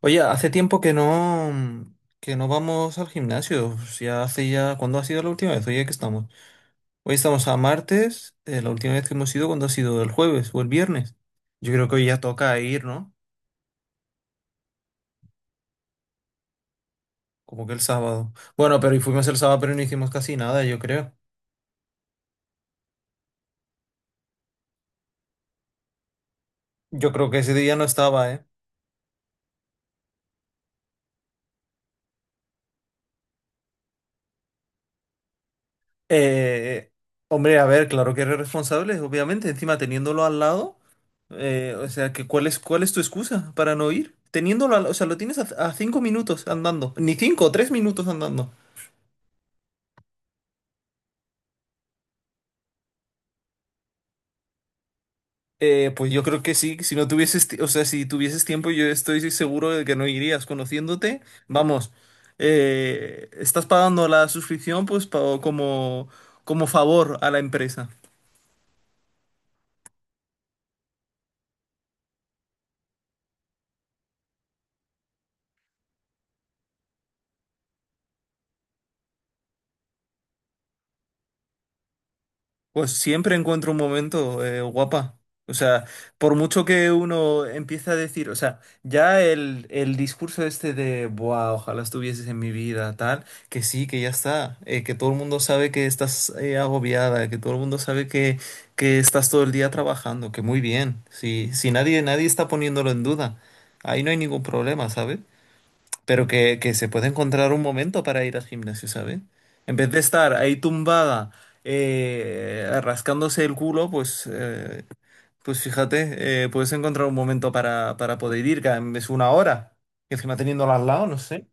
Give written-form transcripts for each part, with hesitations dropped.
Oye, hace tiempo que no, que no vamos al gimnasio. Si Ya hace ya. ¿Cuándo ha sido la última vez? Oye, que estamos. Hoy estamos a martes. La última vez que hemos ido, ¿cuándo ha sido? ¿El jueves o el viernes? Yo creo que hoy ya toca ir, ¿no? Como que el sábado. Bueno, pero fuimos el sábado, pero no hicimos casi nada, yo creo. Yo creo que ese día no estaba, ¿eh? Eh, Hombre, a ver, claro que eres responsable, obviamente, encima teniéndolo al lado, o sea, ¿que cuál es tu excusa para no ir? O sea, lo tienes a cinco minutos andando, ni cinco, tres minutos andando. Pues yo creo que sí, si no tuvieses, ti- o sea, si tuvieses tiempo, yo estoy seguro de que no irías conociéndote. Vamos, estás pagando la suscripción, pues como, como favor a la empresa. Pues siempre encuentro un momento, guapa. O sea, por mucho que uno empieza a decir, o sea, ya el discurso este de: "Buah, ojalá estuvieses en mi vida, tal", que sí, que ya está, que todo el mundo sabe que estás, agobiada, que todo el mundo sabe que estás todo el día trabajando, que muy bien, si nadie está poniéndolo en duda, ahí no hay ningún problema, ¿sabes? Pero que se puede encontrar un momento para ir al gimnasio, ¿sabes? En vez de estar ahí tumbada, rascándose el culo, pues, pues fíjate, puedes encontrar un momento para poder ir, que es una hora. Y encima teniéndola al lado, no sé.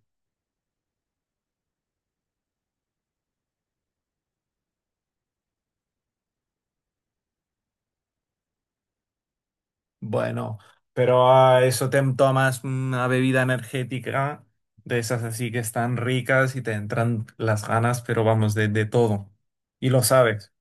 Bueno, pero a eso te tomas una bebida energética de esas así que están ricas y te entran las ganas, pero vamos, de todo. Y lo sabes.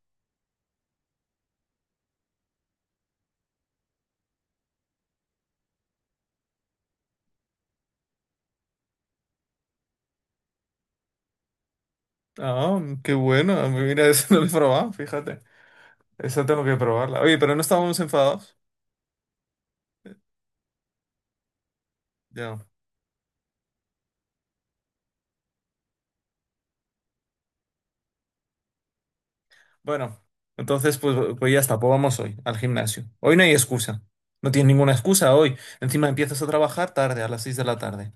Ah, qué bueno. Mira, eso no lo he probado, fíjate. Esa tengo que probarla. Oye, pero no estábamos enfadados. Ya. Bueno, entonces pues ya está, pues vamos hoy al gimnasio. Hoy no hay excusa. No tienes ninguna excusa hoy. Encima empiezas a trabajar tarde, a las 6 de la tarde.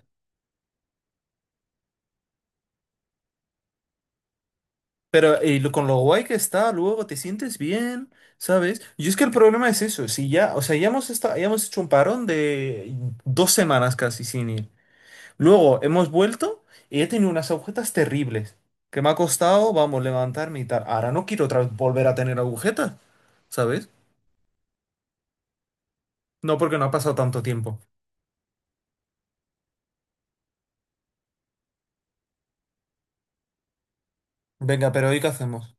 Pero con lo guay que está, luego te sientes bien, ¿sabes? Y es que el problema es eso. Si ya, o sea, ya hemos estado, ya hemos hecho un parón de dos semanas casi sin ir. Luego hemos vuelto y he tenido unas agujetas terribles. Que me ha costado, vamos, levantarme y tal. Ahora no quiero otra vez volver a tener agujetas, ¿sabes? No, porque no ha pasado tanto tiempo. Venga, ¿pero hoy qué hacemos?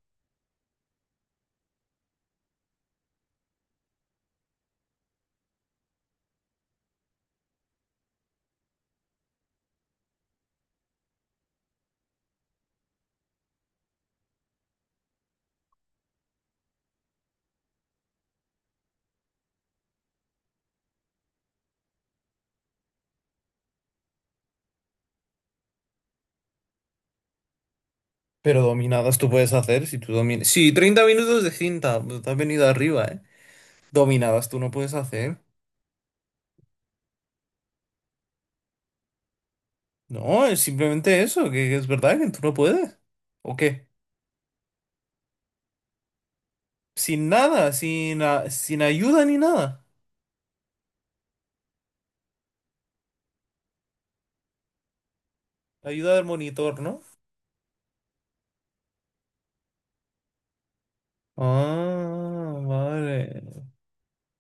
Pero dominadas tú puedes hacer si tú dominas. Sí, 30 minutos de cinta. Te has venido arriba, ¿eh? Dominadas tú no puedes hacer. No, es simplemente eso, que es verdad que tú no puedes. ¿O qué? Sin nada, sin ayuda ni nada. Ayuda del monitor, ¿no? Ah, vale.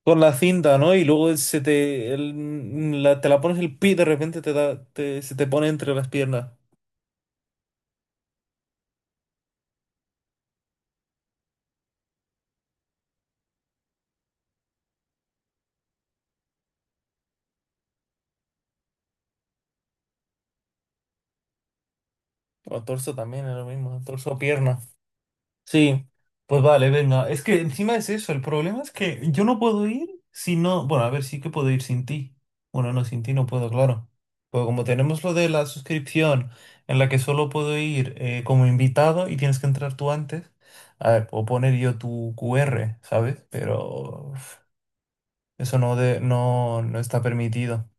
Con la cinta, ¿no? Y luego se te, te la pones el pie y de repente se te pone entre las piernas. O torso también, es lo mismo, torso, pierna. Sí, pues vale, venga. Es que encima es eso, el problema es que yo no puedo ir si no. Bueno, a ver, sí que puedo ir sin ti. Bueno, no, sin ti no puedo, claro. Pues como tenemos lo de la suscripción en la que solo puedo ir, como invitado, y tienes que entrar tú antes, a ver, puedo poner yo tu QR, ¿sabes? Pero. Eso no, no, no está permitido.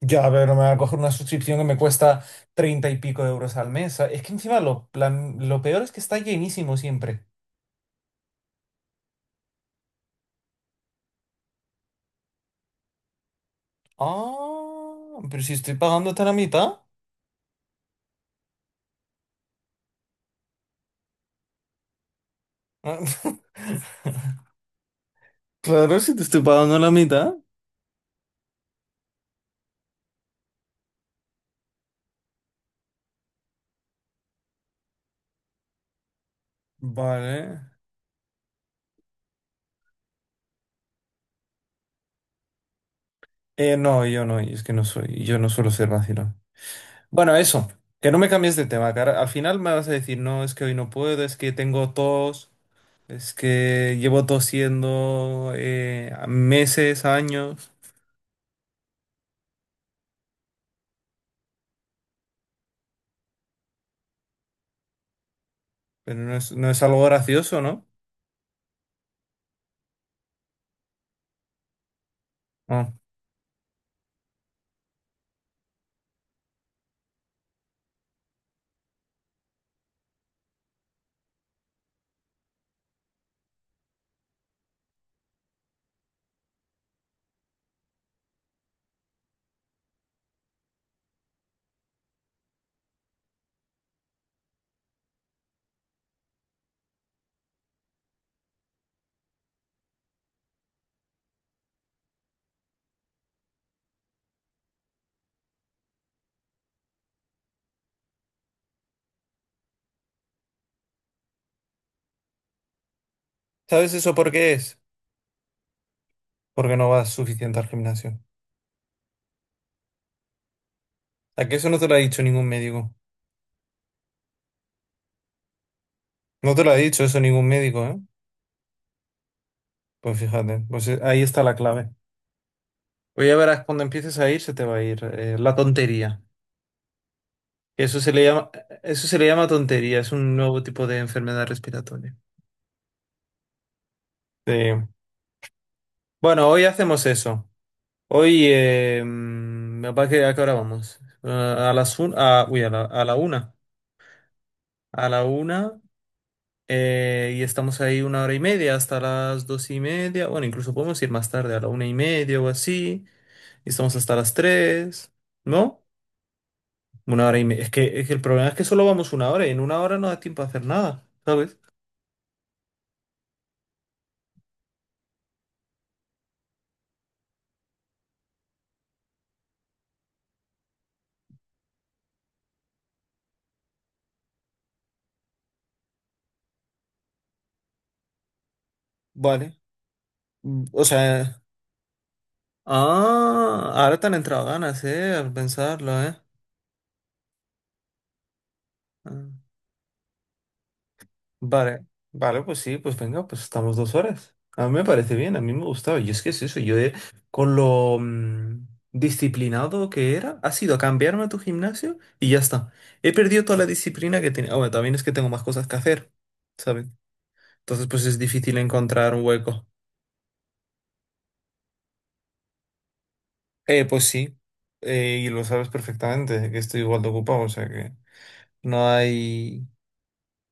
Ya, pero me va a coger una suscripción que me cuesta treinta y pico de euros al mes. Es que encima lo peor es que está llenísimo siempre. Ah, pero si estoy pagando hasta la mitad. Claro, si te estoy pagando la mitad. Vale. No, yo no, es que no soy, yo no suelo ser vacilón. Bueno, eso, que no me cambies de tema, cara. Al final me vas a decir: "No, es que hoy no puedo, es que tengo tos. Es que llevo tosiendo, meses, años", pero no es, no es algo gracioso, ¿no? No. ¿Sabes eso por qué es? Porque no vas suficiente al gimnasio. ¿A que eso no te lo ha dicho ningún médico? No te lo ha dicho eso ningún médico, ¿eh? Pues fíjate, pues ahí está la clave. Pues ya verás, cuando empieces a ir se te va a ir, la tontería. Eso se le llama, eso se le llama tontería, es un nuevo tipo de enfermedad respiratoria. Sí. Bueno, hoy hacemos eso. Oye, mm, ¿capaz que a qué hora vamos? Ah, a las un, a, uy, a la una. A la una, y estamos ahí una hora y media, hasta las dos y media. Bueno, incluso podemos ir más tarde, a la una y media o así. Y estamos hasta las tres, ¿no? Una hora y media. Es que el problema es que solo vamos una hora, y en una hora no da tiempo a hacer nada, ¿sabes? Vale. Mm, o sea, ah, ahora te han entrado ganas, ¿eh? Al pensarlo, ¿eh? Ah. Vale, vale, pues sí, pues venga, pues estamos dos horas. A mí me parece bien, a mí me gustaba. Y es que es eso, con lo, disciplinado que era, ha sido a cambiarme a tu gimnasio y ya está. He perdido toda la disciplina que tenía. Ah, bueno, también es que tengo más cosas que hacer, ¿sabes? Entonces, pues es difícil encontrar un hueco. Pues sí, y lo sabes perfectamente, que estoy igual de ocupado, o sea que no hay,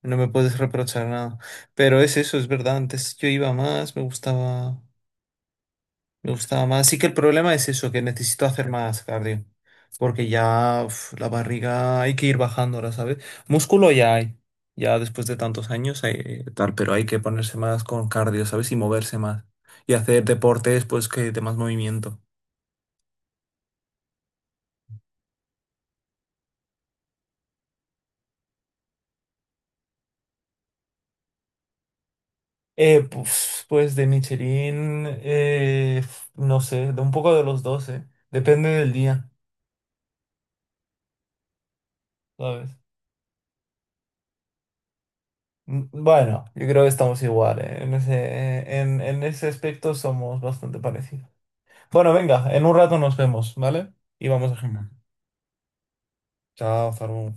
no me puedes reprochar nada. Pero es eso, es verdad, antes yo iba más, me gustaba... Me gustaba más. Sí que el problema es eso, que necesito hacer más cardio. Porque ya uf, la barriga hay que ir bajándola, ¿sabes? Músculo ya hay. Ya después de tantos años hay tal, pero hay que ponerse más con cardio, ¿sabes? Y moverse más. Y hacer deportes, pues, que de más movimiento. Pues, pues de Michelin, no sé, de un poco de los dos, ¿eh? Depende del día, ¿sabes? Mm, bueno, yo creo que estamos igual, ¿eh? En ese, en ese aspecto somos bastante parecidos. Bueno, venga, en un rato nos vemos, ¿vale? Y vamos al gimnasio. Chao, Zaru.